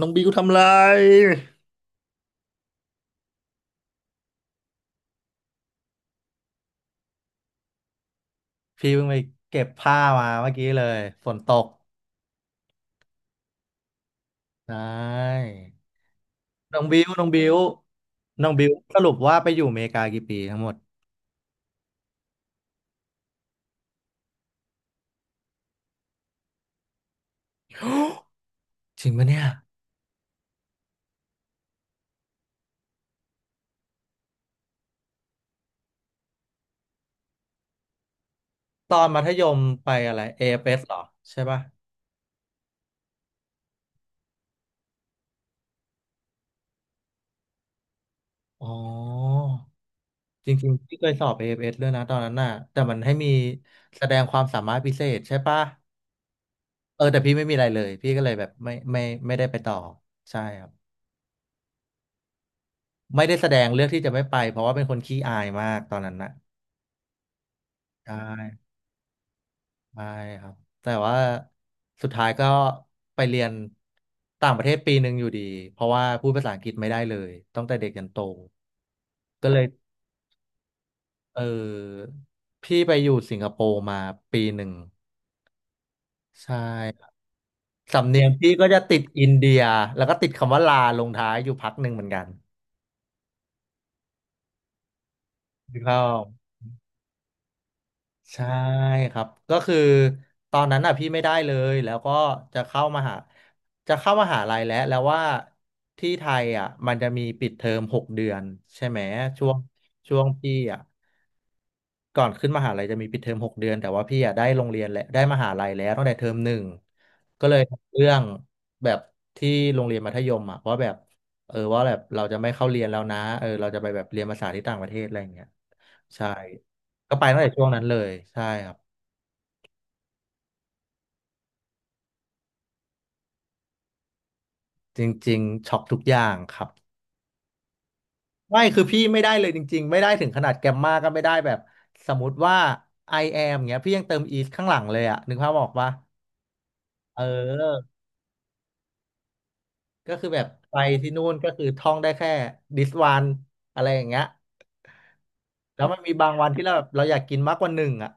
น้องบิวทำไร พี่เพิ่งไปเก็บผ้ามาเมื่อกี้เลยฝนตกใช่น้องบิวน้องบิวสรุปว่าไปอยู่อเมริกากี่ปีทั้งหมด จริงปะเนี่ย ตอนมัธยมไปอะไร AFS เอฟเอสเหรอ ใช่ป่ะ อ๋อจริงๆพี่เคยสอบ AFS ด้วยนะตอนนั้นน่ะแต่มันให้มีแสดงความสามารถพิเศษใช่ป่ะเออแต่พี่ไม่มีอะไรเลยพี่ก็เลยแบบไม่ไม่ได้ไปต่อ ใช่ครับไม่ได้แสดงเลือกที่จะไม่ไปเพราะว่าเป็นคนขี้อายมากตอนนั้นน่ะ ใช่ใช่ครับแต่ว่าสุดท้ายก็ไปเรียนต่างประเทศปีหนึ่งอยู่ดี เพราะว่าพูดภาษาอังกฤษไม่ได้เลยตั้งแต่เด็กยันโต ก็เลยเออพี่ไปอยู่สิงคโปร์มาปีหนึ่งใช่ครับสำเนียงพี่ก็จะติดอินเดีย แล้วก็ติดคำว่าลาลงท้ายอยู่พักหนึ่งเหมือนกันพี่เข้า ใช่ครับก็คือตอนนั้นอ่ะพี่ไม่ได้เลยแล้วก็จะเข้ามหาจะเข้ามหาลัยแล้วแล้วว่าที่ไทยอ่ะมันจะมีปิดเทอมหกเดือนใช่ไหมช่วงช่วงพี่อ่ะก่อนขึ้นมหาลัยจะมีปิดเทอมหกเดือนแต่ว่าพี่อ่ะได้โรงเรียนแล้วได้มหาลัยแล้วตั้งแต่เทอมหนึ่งก็เลยทำเรื่องแบบที่โรงเรียนมัธยมอ่ะว่าแบบเออว่าแบบเราจะไม่เข้าเรียนแล้วนะเออเราจะไปแบบเรียนภาษาที่ต่างประเทศอะไรอย่างเงี้ยใช่ก็ไปตั้งแต่ช่วงนั้นเลยใช่ครับ จริงๆช็อกทุกอย่างครับไม่คือพี่ไม่ได้เลยจริงๆไม่ได้ถึงขนาดแกมมาก็ไม่ได้แบบสมมติว่า I am เงี้ยพี่ยังเติม is ข้างหลังเลยอะนึกภาพออกปะเออ ก็คือแบบไปที่นู่นก็คือท่องได้แค่ this one อะไรอย่างเงี้ยแล้วมันมีบางวันที่เราแบบเราอยากกินมากกว่าหนึ่งอะ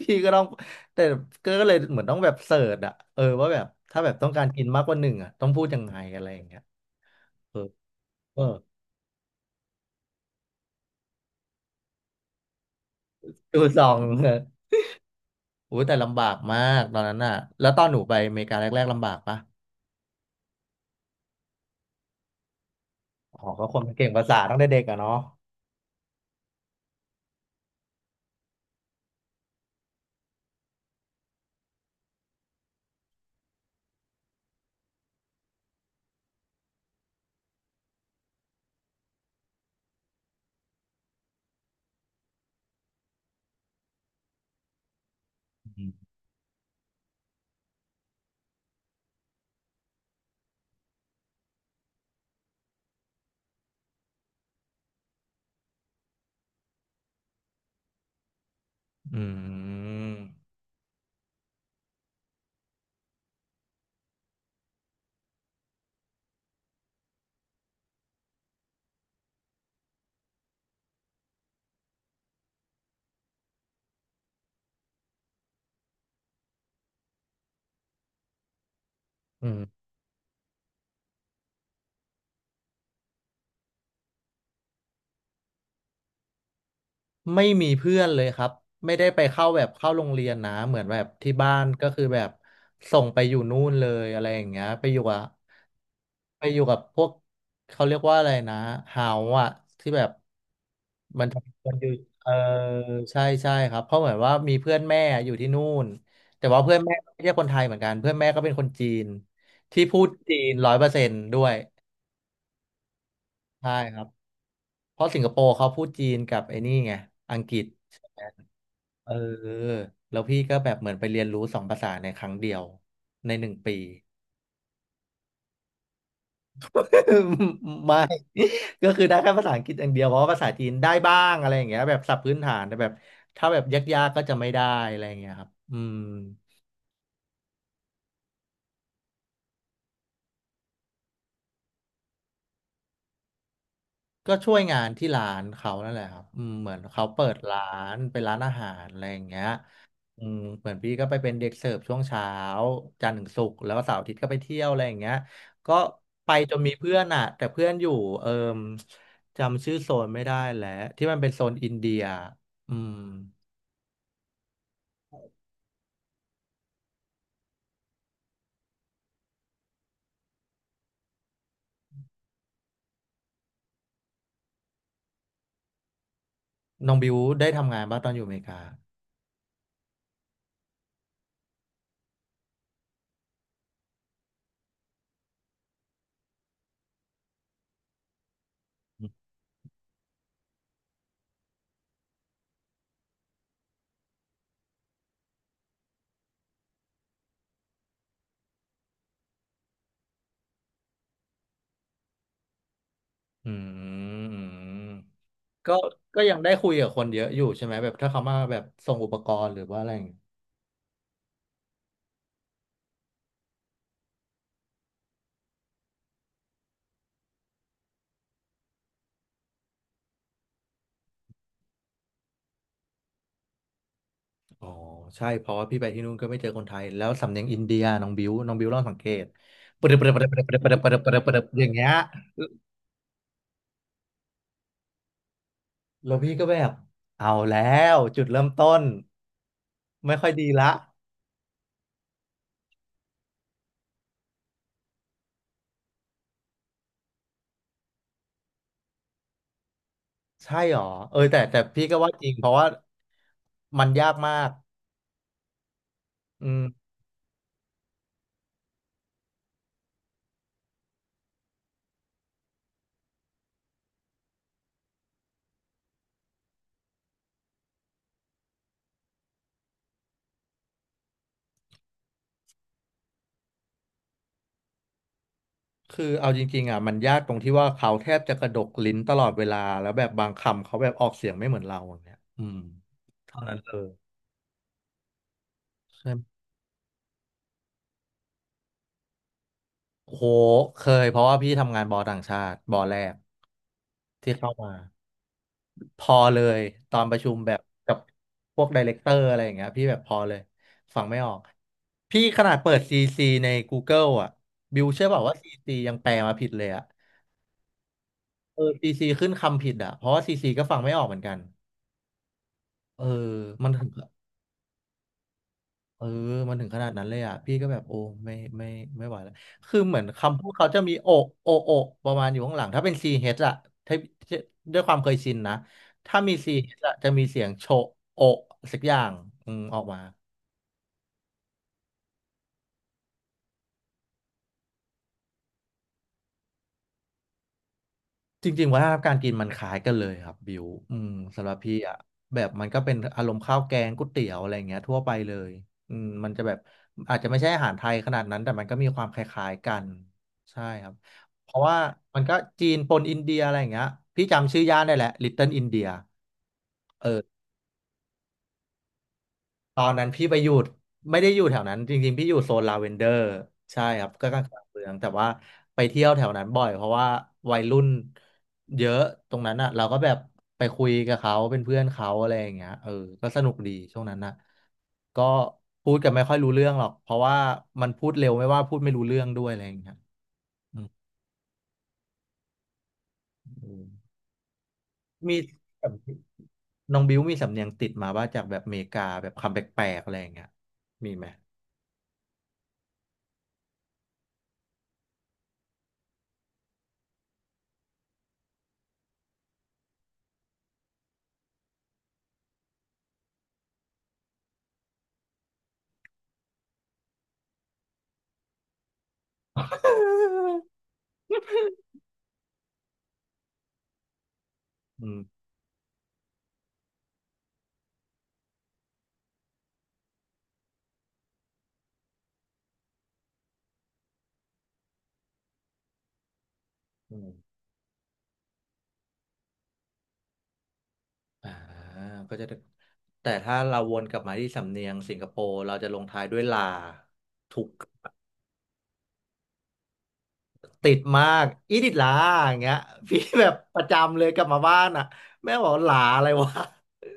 พี่ก็ต้องแต่ก็เลยเหมือนต้องแบบเสิร์ชอะเออว่าแบบถ้าแบบต้องการกินมากกว่าหนึ่งอะต้องพูดยังไงอะไรอย่างเงี้ยเออเออดูซอง อุ้ยแต่ลำบากมากตอนนั้นน่ะแล้วตอนหนูไปอเมริกาแรกๆลำบากปะอ๋อก็คนมันเก่งภาษาตั้งแต่เด็กอะเนาะอืมอืมอืมไม่มีเพื่อนเลยครับไม่ได้ไปเข้าแบบเข้าโรงเรียนนะเหมือนแบบที่บ้านก็คือแบบส่งไปอยู่นู่นเลยอะไรอย่างเงี้ยไปอยู่กับพวกเขาเรียกว่าอะไรนะเฮาอะที่แบบ วันหยุดเออใช่ใช่ครับเพราะเหมือนว่ามีเพื่อนแม่อยู่ที่นู่นแต่ว่าเพื่อนแม่ไม่ใช่คนไทยเหมือนกันเพื่อนแม่ก็เป็นคนจีนที่พูดจีนร้อยเปอร์เซนต์ด้วยใช่ครับเพราะสิงคโปร์เขาพูดจีนกับไอ้นี่ไงอังกฤษเออแล้วพี่ก็แบบเหมือนไปเรียนรู้สองภาษาในครั้งเดียวในหนึ่งปี ไม่ก็คือได้แค่ภาษาอังกฤษอย่างเดียวเพราะว่าภาษาจีนได้บ้างอะไรอย่างเงี้ยแบบศัพท์พื้นฐานแต่แบบถ้าแบบยากๆก็จะไม่ได้อะไรอย่างเงี้ยครับอืม ก็ช่วยงานที่ร้านเขานั่นแหละครับอืมเหมือนเขาเปิดร้านเป็นร้านอาหารอะไรอย่างเงี้ยอืมเหมือนพี่ก็ไปเป็นเด็กเสิร์ฟช่วงเช้าจันทร์ถึงศุกร์แล้วก็เสาร์อาทิตย์ก็ไปเที่ยวอะไรอย่างเงี้ยก็ไปจนมีเพื่อนอ่ะแต่เพื่อนอยู่เอิ่มจำชื่อโซนไม่ได้แล้วที่มันเป็นโซนอินเดียอืมน้องบิวได้ทำงานบ้างตอนอยู่อเมริกาอืมก็ก็ยังได้คุยกับคนเยอะอยู่ใช่ไหมแบบถ้าเขามาแบบส่งอุปกรณ์หรือว่าอะไรอย่าง อ๋อใช่เพราะว่าพี่ไปที่นู่นก็ไม่เจอคนไทยแล้วสำเนียงอินเดียน้องบิวลองสังเกตปรึบปรึบปรึบปรึบปรึบปรึบปรึบปรึบปรึบอย่างเงี้ยแล้วพี่ก็แบบเอาแล้วจุดเริ่มต้นไม่ค่อยดีละใช่หรอเออแต่พี่ก็ว่าจริงเพราะว่ามันยากมากอืมคือเอาจริงๆอ่ะมันยากตรงที่ว่าเขาแทบจะกระดกลิ้นตลอดเวลาแล้วแบบบางคำเขาแบบออกเสียงไม่เหมือนเราอย่างเงี้ยอืมเท่านั้นเลย โอ้โหเคยเพราะว่าพี่ทำงานบอต่างชาติบอแรกที่เข้ามาพอเลยตอนประชุมแบบกับพวกไดเรคเตอร์อะไรอย่างเงี้ยพี่แบบพอเลยฟังไม่ออกพี่ขนาดเปิด CC ใน Google อ่ะบิวเชื่อเปล่าว่า CC ยังแปลมาผิดเลยอ่ะเออ CC ขึ้นคำผิดอ่ะเพราะว่า CC ก็ฟังไม่ออกเหมือนกันเออมัน เออ มันถึงขนาดนั้นเลยอ่ะพี่ก็แบบโอ้ไม่ไม่ไหวแล้วคือเหมือนคำพูดเขาจะมีโอะโอะโอะประมาณอยู่ข้างหลัง ถ้าเป็น c เอ่ะถ้าถ้าด้วยความเคยชินนะ ถ้ามี CH อชอะจะมีเสียงโชะโอะสักอย่างอืมออกมา จริงๆวัฒนธรรมการกินมันคล้ายกันเลยครับบิวอืมสำหรับพี่อ่ะแบบมันก็เป็นอารมณ์ข้าวแกงก๋วยเตี๋ยวอะไรอย่างเงี้ยทั่วไปเลยอืมมันจะแบบอาจจะไม่ใช่อาหารไทยขนาดนั้นแต่มันก็มีความคล้ายๆกันใช่ครับเพราะว่ามันก็จีนปนอินเดียอะไรอย่างเงี้ยพี่จำชื่อย่านได้แหละ Little India เติ้ลอนเดียเออ ตอนนั้นพี่ไปอยู่ไม่ได้อยู่แถวนั้นจริงๆพี่อยู่โซนลาเวนเดอร์ใช่ครับก็กลางๆเมืองแต่ว่าไปเที่ยวแถวนั้นบ่อยเพราะว่าวัยรุ่นเยอะตรงนั้นอ่ะเราก็แบบไปคุยกับเขาเป็นเพื่อนเขาอะไรอย่างเงี้ยเออก็สนุกดีช่วงนั้นนะก็พูดกันไม่ค่อยรู้เรื่องหรอกเพราะว่ามันพูดเร็วไม่ว่าพูดไม่รู้เรื่องด้วยอะไรอย่างเงี้ยอืมอืมมีสำเนียงน้องบิวมีสำเนียงติดมาว่าจากแบบอเมริกาแบบคำแปลกๆอะไรอย่างเงี้ยมีไหม อืมอืม อ่าก็จะได้แต่ถ้าเราวนกลับมาที่สำเนียงสิงคโปร์เราจะลงท้ายด้วยลาถูกติดมากอีดิดลาอย่างเงี้ย พี่แบบประจำเลยกลับมาบ้านอ่ะแม่บอกลาอะไรวะ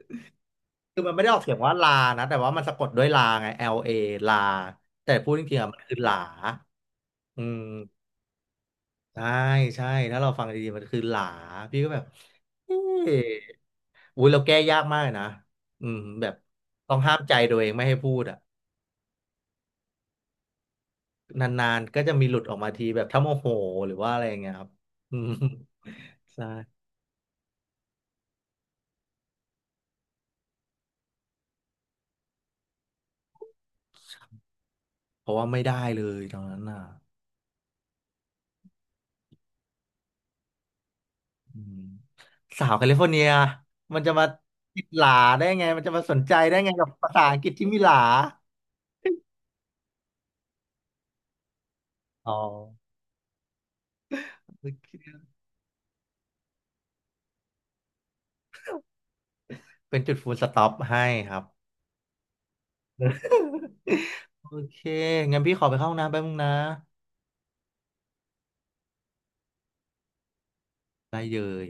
คือมันไม่ได้ออกเสียงว่าลานะแต่ว่ามันสะกดด้วยลาไง L A ลเอลาแต่พูดจริงๆอะมันคือหลาอืมใช่ใช่ถ้าเราฟังดีๆมันคือหลาพี่ก็แบบเอ๊ะอุ้ยเราแก้ยากมากเลยนะอืมแบบต้องห้ามใจตัวเองไม่ให้พูดอ่ะ นานๆก็จะมีหลุดออกมาทีแบบถ้าโมโหหรือว่าอะไรอย่างเงี้ยครับ อืมใช่เพราะว่าไม่ได้เลยตอนนั้นน่ะอืมสาวแคลิฟอร์เนียมันจะมาติดหลาได้ไงมันจะมาสนใจได้ไงกับภาษาอังกฤษที่มีหลาอ๋อโอเคเป็นจุดฟูลสต็อปให้ครับโอเคงั้นพี่ขอไปเข้าห้องน้ำแป๊บนึงนะได้เลย